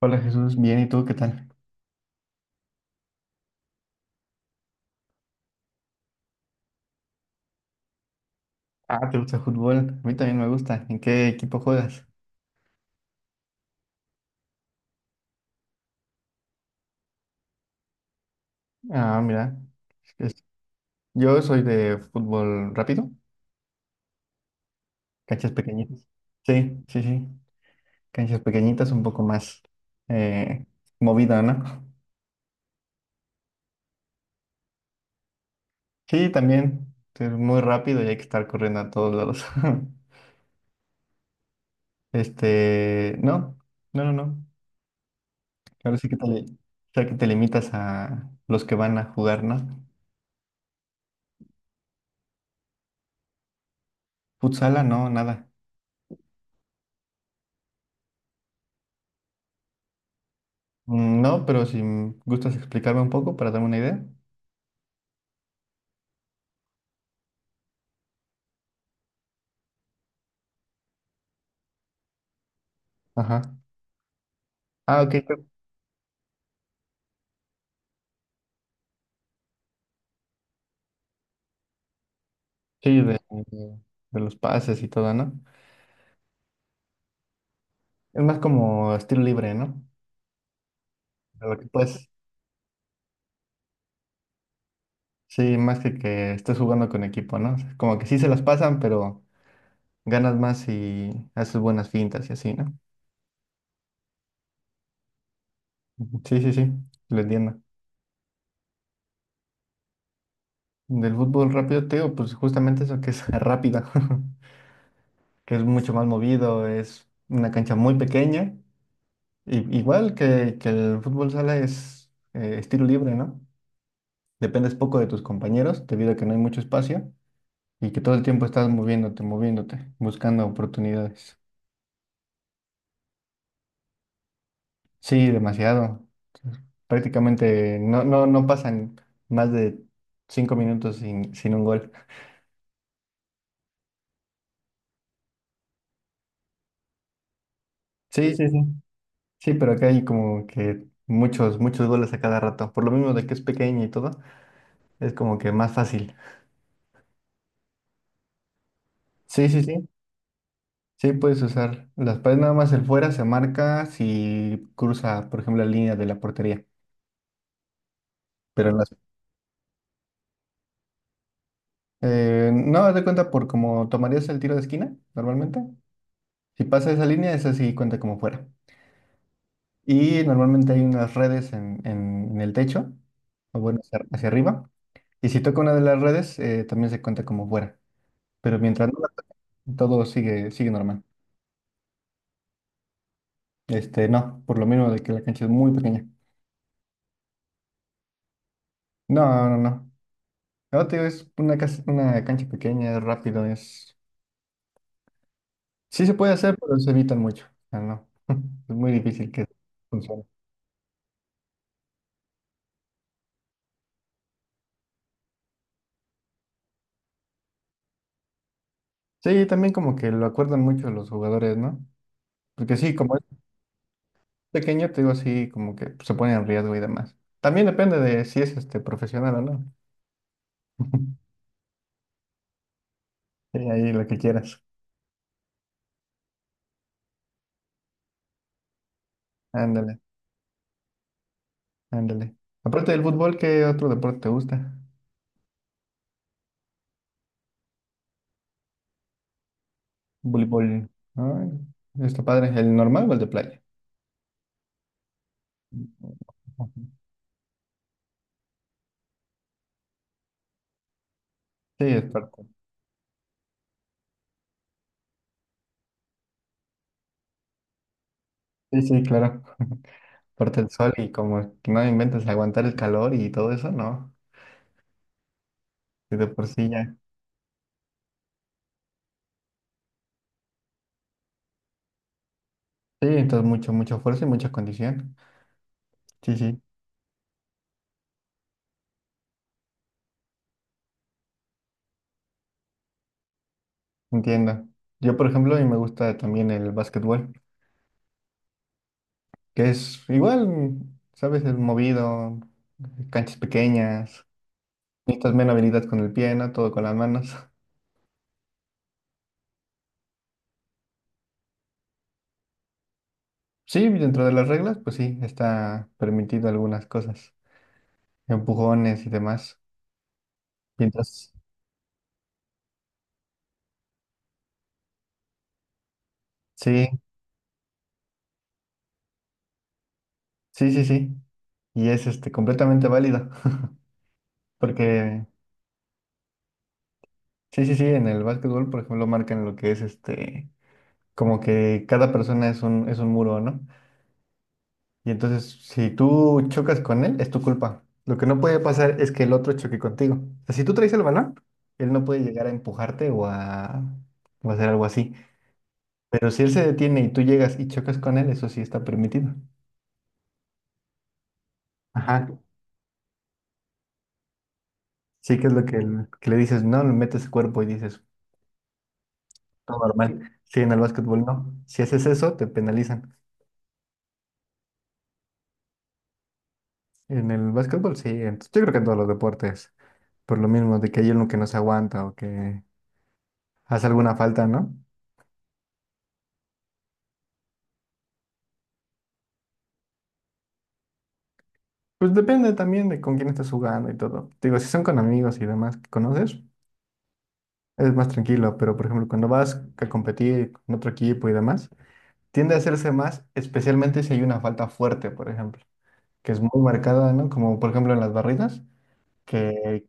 Hola Jesús, bien, ¿y tú qué tal? Ah, ¿te gusta el fútbol? A mí también me gusta. ¿En qué equipo juegas? Ah, mira, es- yo soy de fútbol rápido, canchas pequeñitas. Sí, sí, sí, canchas pequeñitas, un poco más eh, movida, ¿no? Sí, también, es muy rápido y hay que estar corriendo a todos lados. Este, no, no. Ahora sí que o sea, que te limitas a los que van a jugar, ¿no? Futsala, no, nada. Mm, no, pero si m- gustas explicarme un poco para darme una idea. Ajá. Ah, ok. Sí, de los pases y todo, ¿no? Es más como estilo libre, ¿no? De lo que puedes, sí, más que estés jugando con equipo, ¿no? O sea, como que sí se las pasan, pero ganas más y haces buenas fintas y así, ¿no? Ujú. Sí, sí, sí, lo entiendo. Del fútbol rápido, te digo, pues justamente eso que es rápida, que es mucho más movido, es una cancha muy pequeña. Igual que el fútbol sala es estilo libre, ¿no? Dependes poco de tus compañeros debido a que no hay mucho espacio y que todo el tiempo estás moviéndote, moviéndote, buscando oportunidades. Sí, demasiado. Prácticamente no pasan más de 5 minutos sin un gol. Sí, sí, sí, sí. Sí, pero acá hay como que muchos, muchos goles a cada rato. Por lo mismo de que es pequeño y todo, es como que más fácil. Sí, sí, sí. Sí, puedes usar las paredes, nada más el fuera se marca si cruza, por ejemplo, la línea de la portería. Pero las... no, haz de cuenta por cómo tomarías el tiro de esquina normalmente. Si pasa esa línea, esa sí cuenta como fuera. Y normalmente hay unas redes en, en el techo, o bueno, hacia, hacia arriba. Y si toca una de las redes, también se cuenta como fuera. Pero mientras no la toque, todo sigue, sigue normal. Este, no, por lo menos de que la cancha es muy pequeña. No, no, no. No, te digo, es una, una cancha pequeña, es rápido, es... Sí se puede hacer, pero se evitan mucho. Ah, no. Es muy difícil que funcione. Sí, también como que lo acuerdan mucho los jugadores, ¿no? Porque sí, como es pequeño, te digo así, como que se pone en riesgo y demás. También depende de si es este profesional o no. Sí, ahí lo que quieras. Ándale, ándale. Aparte del fútbol, ¿qué otro deporte te gusta? Voleibol, ¿no? Está padre, ¿el normal o el de playa? Sí, es parte. Sí, sí, claro. Parte el sol y como que no inventes aguantar el calor y todo eso, ¿no? Y de por sí ya. Sí, entonces mucho, mucha fuerza y mucha condición. Sí, sí, entiendo. Yo, por ejemplo, a mí me gusta también el básquetbol, que es igual, ¿sabes? Es movido, canchas pequeñas, necesitas menos habilidad con el pie, ¿no? Todo con las manos. Sí, dentro de las reglas, pues sí, está permitido algunas cosas, empujones y demás. Mientras, sí. Sí, sí, sí. Y es este completamente válida. Porque, sí, sí, sí, en el básquetbol, por ejemplo, marcan lo que es este, como que cada persona es un muro, ¿no? Y entonces, si tú chocas con él, es tu culpa. Lo que no puede pasar es que el otro choque contigo. O sea, si tú traes el balón, él no puede llegar a empujarte o a hacer algo así. Pero si él se detiene y tú llegas y chocas con él, eso sí está permitido. Ajá. Sí, que es lo que, que le dices, no, le metes cuerpo y dices, todo normal. Sí, en el básquetbol no. Si haces eso, te penalizan. En el básquetbol sí. Entonces, yo creo que en todos los deportes. Por lo mismo, de que hay uno que no se aguanta o que hace alguna falta, ¿no? Pues depende también de con quién estás jugando y todo. Digo, si son con amigos y demás que conoces, es más tranquilo. Pero, por ejemplo, cuando vas a competir con otro equipo y demás, tiende a hacerse más, especialmente si hay una falta fuerte, por ejemplo, que es muy marcada, ¿no? Como, por ejemplo, en las barridas, que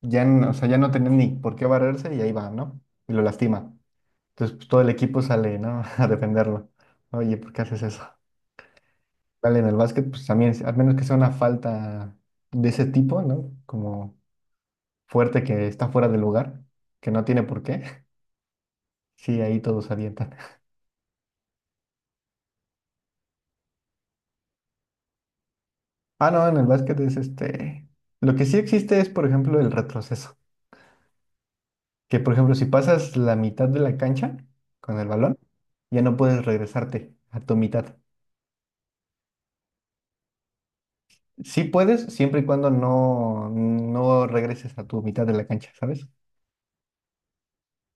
ya, o sea, ya no tenía ni por qué barrerse y ahí va, ¿no? Y lo lastima. Entonces, pues, todo el equipo sale, ¿no? A defenderlo. Oye, ¿por qué haces eso? Vale, en el básquet, pues también, al menos que sea una falta de ese tipo, ¿no? Como fuerte que está fuera de lugar, que no tiene por qué. Sí, ahí todos avientan. Ah, no, en el básquet es este. Lo que sí existe es, por ejemplo, el retroceso. Que, por ejemplo, si pasas la mitad de la cancha con el balón, ya no puedes regresarte a tu mitad. Sí puedes, siempre y cuando no regreses a tu mitad de la cancha, ¿sabes?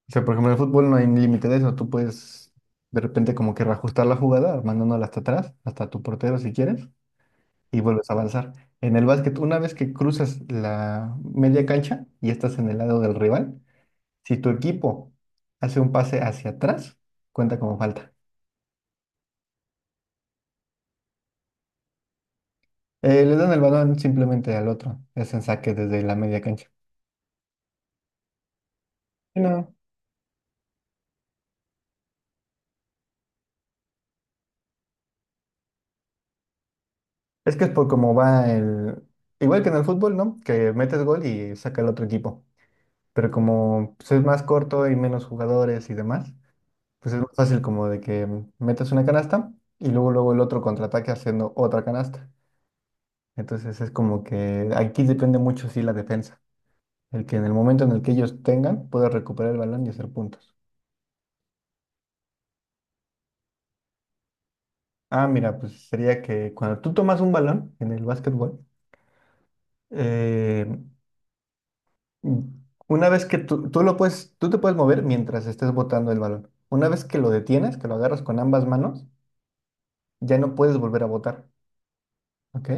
O sea, por ejemplo, en el fútbol no hay límite de eso. Tú puedes de repente como que reajustar la jugada, mandándola hasta atrás, hasta tu portero si quieres, y vuelves a avanzar. En el básquet, una vez que cruzas la media cancha y estás en el lado del rival, si tu equipo hace un pase hacia atrás, cuenta como falta. Le dan el balón simplemente al otro. Es en saque desde la media cancha. Sí, no. Es que es por cómo va el... Igual que en el fútbol, ¿no? Que metes gol y saca el otro equipo. Pero como pues, es más corto y menos jugadores y demás, pues es más fácil como de que metas una canasta y luego luego el otro contraataque haciendo otra canasta. Entonces es como que aquí depende mucho, sí, la defensa. El que en el momento en el que ellos tengan pueda recuperar el balón y hacer puntos. Ah, mira, pues sería que cuando tú tomas un balón en el básquetbol, eh, mm, una vez que tú lo puedes, tú te puedes mover mientras estés botando el balón. Una vez que lo detienes, que lo agarras con ambas manos, ya no puedes volver a botar, ¿ok?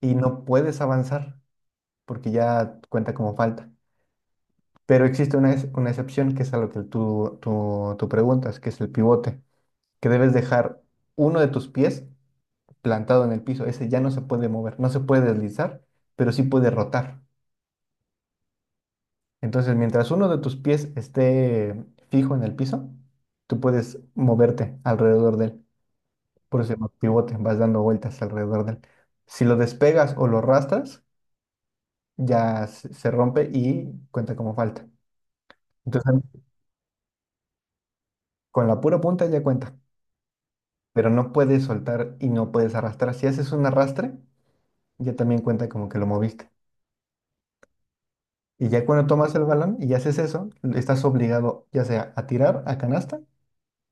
Y no puedes avanzar porque ya cuenta como falta. Pero existe una, una excepción que es a lo que tú preguntas, que es el pivote, que debes dejar uno de tus pies plantado en el piso. Ese ya no se puede mover, no se puede deslizar, pero sí puede rotar. Entonces, mientras uno de tus pies esté fijo en el piso, tú puedes moverte alrededor de él. Por eso se llama pivote, vas dando vueltas alrededor de él. Si lo despegas o lo arrastras, ya se rompe y cuenta como falta. Entonces, con la pura punta ya cuenta, pero no puedes soltar y no puedes arrastrar. Si haces un arrastre, ya también cuenta como que lo moviste. Y ya cuando tomas el balón y haces eso, estás obligado ya sea a tirar a canasta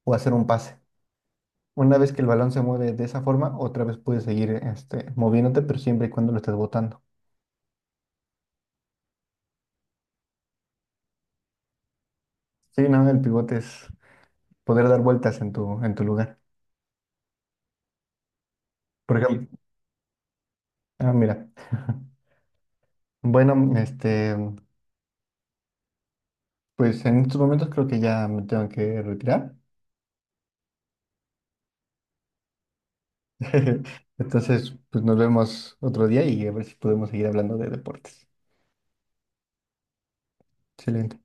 o a hacer un pase. Una vez que el balón se mueve de esa forma, otra vez puedes seguir este, moviéndote, pero siempre y cuando lo estés botando. Sí, no, el pivote es poder dar vueltas en tu lugar. Por ejemplo, ah, mira. Bueno, este, pues en estos momentos creo que ya me tengo que retirar. Entonces, pues nos vemos otro día y a ver si podemos seguir hablando de deportes. Excelente.